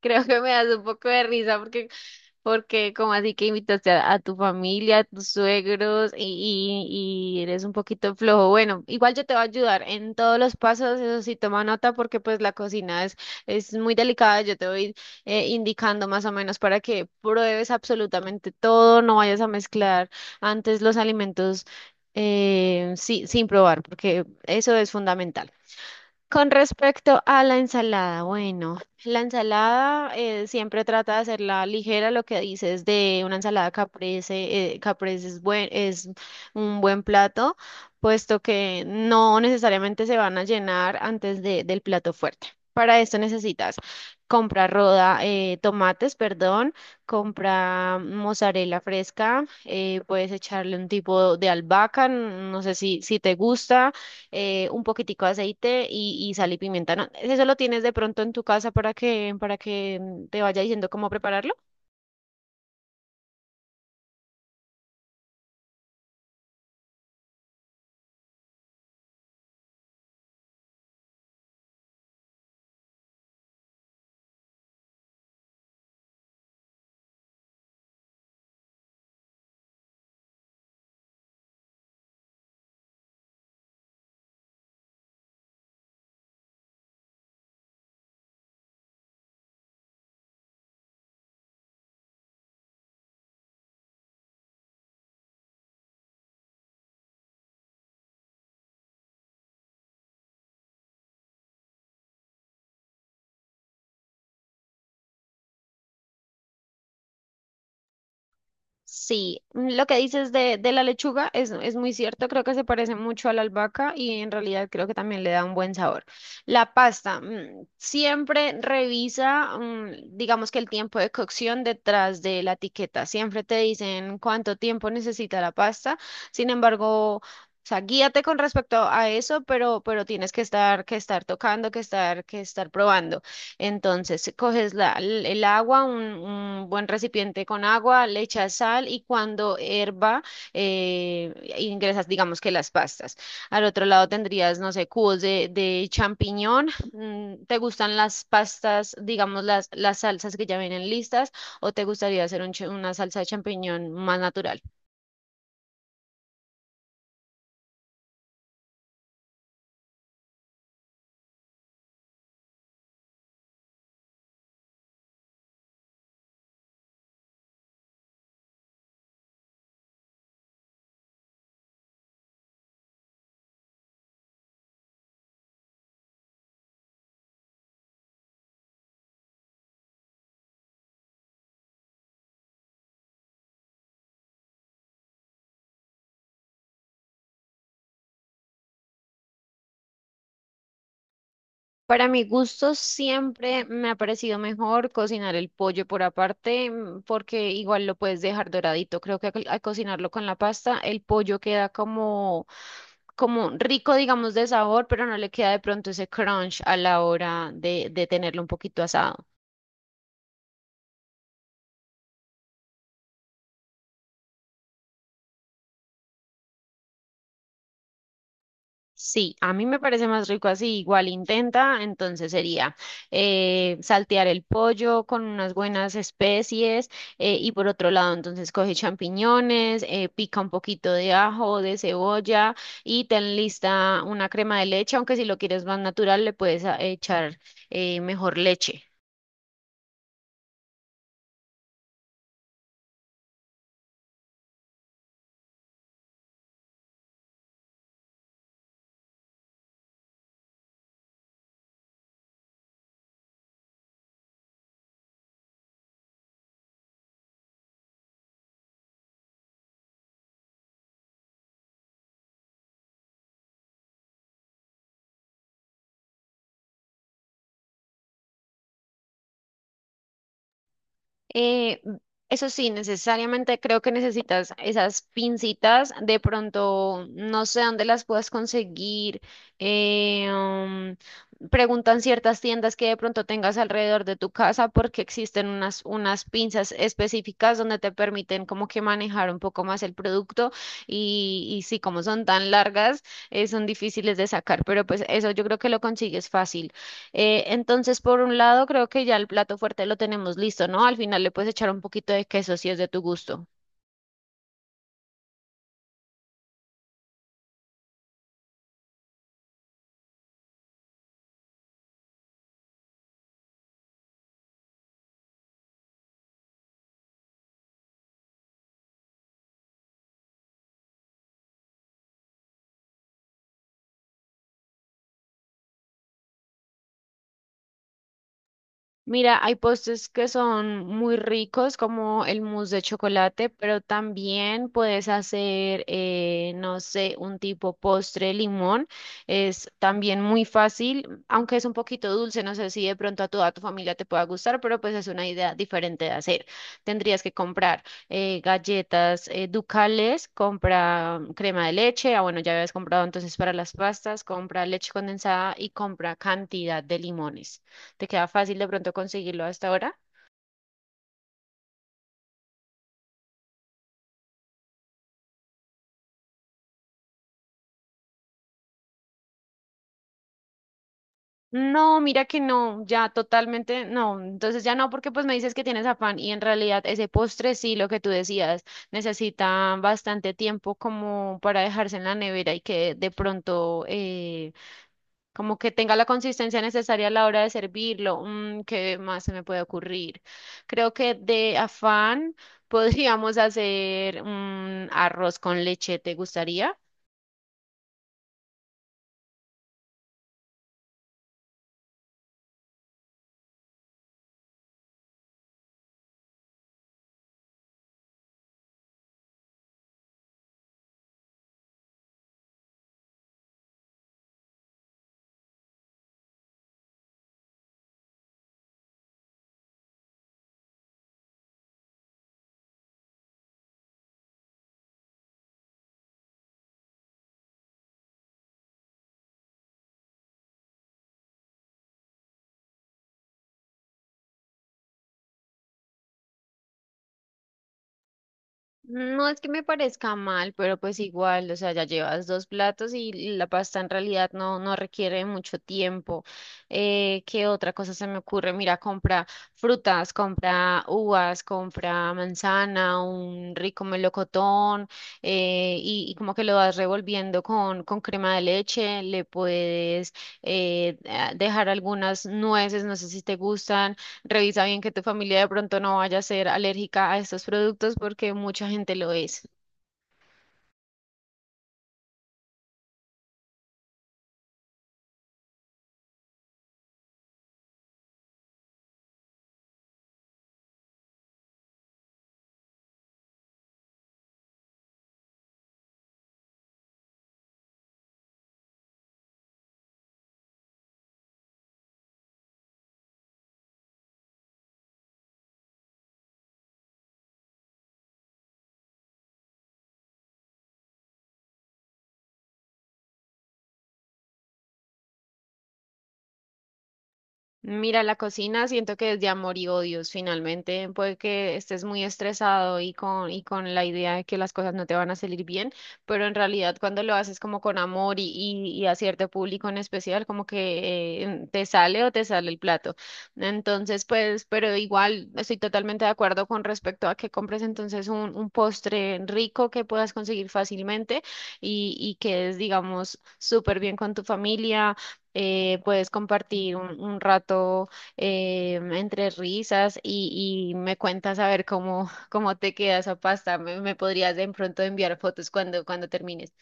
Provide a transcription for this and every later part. Creo que me das un poco de risa porque como así que invitaste a tu familia, a tus suegros y eres un poquito flojo. Bueno, igual yo te voy a ayudar en todos los pasos, eso sí, toma nota porque pues la cocina es muy delicada. Yo te voy indicando más o menos para que pruebes absolutamente todo, no vayas a mezclar antes los alimentos sí, sin probar porque eso es fundamental. Con respecto a la ensalada, bueno, la ensalada siempre trata de hacerla ligera, lo que dices de una ensalada caprese, caprese es un buen plato, puesto que no necesariamente se van a llenar antes del plato fuerte. Para esto necesitas comprar tomates, perdón, compra mozzarella fresca, puedes echarle un tipo de albahaca, no sé si te gusta un poquitico de aceite y sal y pimienta, ¿no? Eso lo tienes de pronto en tu casa para que te vaya diciendo cómo prepararlo. Sí, lo que dices de la lechuga es muy cierto, creo que se parece mucho a la albahaca y en realidad creo que también le da un buen sabor. La pasta, siempre revisa, digamos que el tiempo de cocción detrás de la etiqueta, siempre te dicen cuánto tiempo necesita la pasta, sin embargo, o sea, guíate con respecto a eso, pero tienes que estar tocando, que estar probando. Entonces, coges el agua, un buen recipiente con agua, le echas sal y cuando herva, eh, ingresas, digamos que las pastas. Al otro lado tendrías, no sé, cubos de champiñón. Mm, ¿te gustan las pastas, digamos, las salsas que ya vienen listas o te gustaría hacer una salsa de champiñón más natural? Para mi gusto siempre me ha parecido mejor cocinar el pollo por aparte, porque igual lo puedes dejar doradito. Creo que al cocinarlo con la pasta el pollo queda como, como rico, digamos, de sabor, pero no le queda de pronto ese crunch a la hora de tenerlo un poquito asado. Sí, a mí me parece más rico así. Igual intenta, entonces sería saltear el pollo con unas buenas especies y por otro lado, entonces coge champiñones, pica un poquito de ajo, de cebolla y ten lista una crema de leche, aunque si lo quieres más natural le puedes echar mejor leche. Eh, mm, Eso sí, necesariamente creo que necesitas esas pincitas. De pronto, no sé dónde las puedas conseguir. eh, um, Preguntan ciertas tiendas que de pronto tengas alrededor de tu casa porque existen unas pinzas específicas donde te permiten como que manejar un poco más el producto y sí, como son tan largas, son difíciles de sacar, pero pues eso yo creo que lo consigues fácil. Entonces, por un lado, creo que ya el plato fuerte lo tenemos listo, ¿no? Al final le puedes echar un poquito de queso si es de tu gusto. Mira, hay postres que son muy ricos, como el mousse de chocolate, pero también puedes hacer, no sé, un tipo postre de limón. Es también muy fácil, aunque es un poquito dulce. No sé si de pronto a toda tu familia te pueda gustar, pero pues es una idea diferente de hacer. Tendrías que comprar galletas ducales, compra crema de leche. Ah, bueno, ya habías comprado entonces para las pastas, compra leche condensada y compra cantidad de limones. ¿Te queda fácil de pronto conseguirlo hasta ahora? No, mira que no, ya totalmente no. Entonces ya no, porque pues me dices que tienes afán y en realidad ese postre sí, lo que tú decías, necesita bastante tiempo como para dejarse en la nevera y que de pronto como que tenga la consistencia necesaria a la hora de servirlo. Mm, ¿qué más se me puede ocurrir? Creo que de afán podríamos hacer un arroz con leche, ¿te gustaría? No es que me parezca mal, pero pues igual, o sea, ya llevas dos platos y la pasta en realidad no, no requiere mucho tiempo. ¿Qué otra cosa se me ocurre? Mira, compra frutas, compra uvas, compra manzana, un rico melocotón, y como que lo vas revolviendo con crema de leche, le puedes dejar algunas nueces, no sé si te gustan. Revisa bien que tu familia de pronto no vaya a ser alérgica a estos productos porque mucha gente lo es. Mira, la cocina siento que es de amor y odios. Finalmente, puede que estés muy estresado y con la idea de que las cosas no te van a salir bien, pero en realidad cuando lo haces como con amor y a cierto público en especial, como que te sale o te sale el plato. Entonces, pues, pero igual estoy totalmente de acuerdo con respecto a que compres entonces un postre rico que puedas conseguir fácilmente y que es, digamos, súper bien con tu familia puedes compartir un rato entre risas y me cuentas a ver cómo, cómo te queda esa pasta. Me podrías de pronto enviar fotos cuando, cuando termines.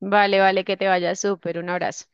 Vale, vale, que te vaya súper. Un abrazo.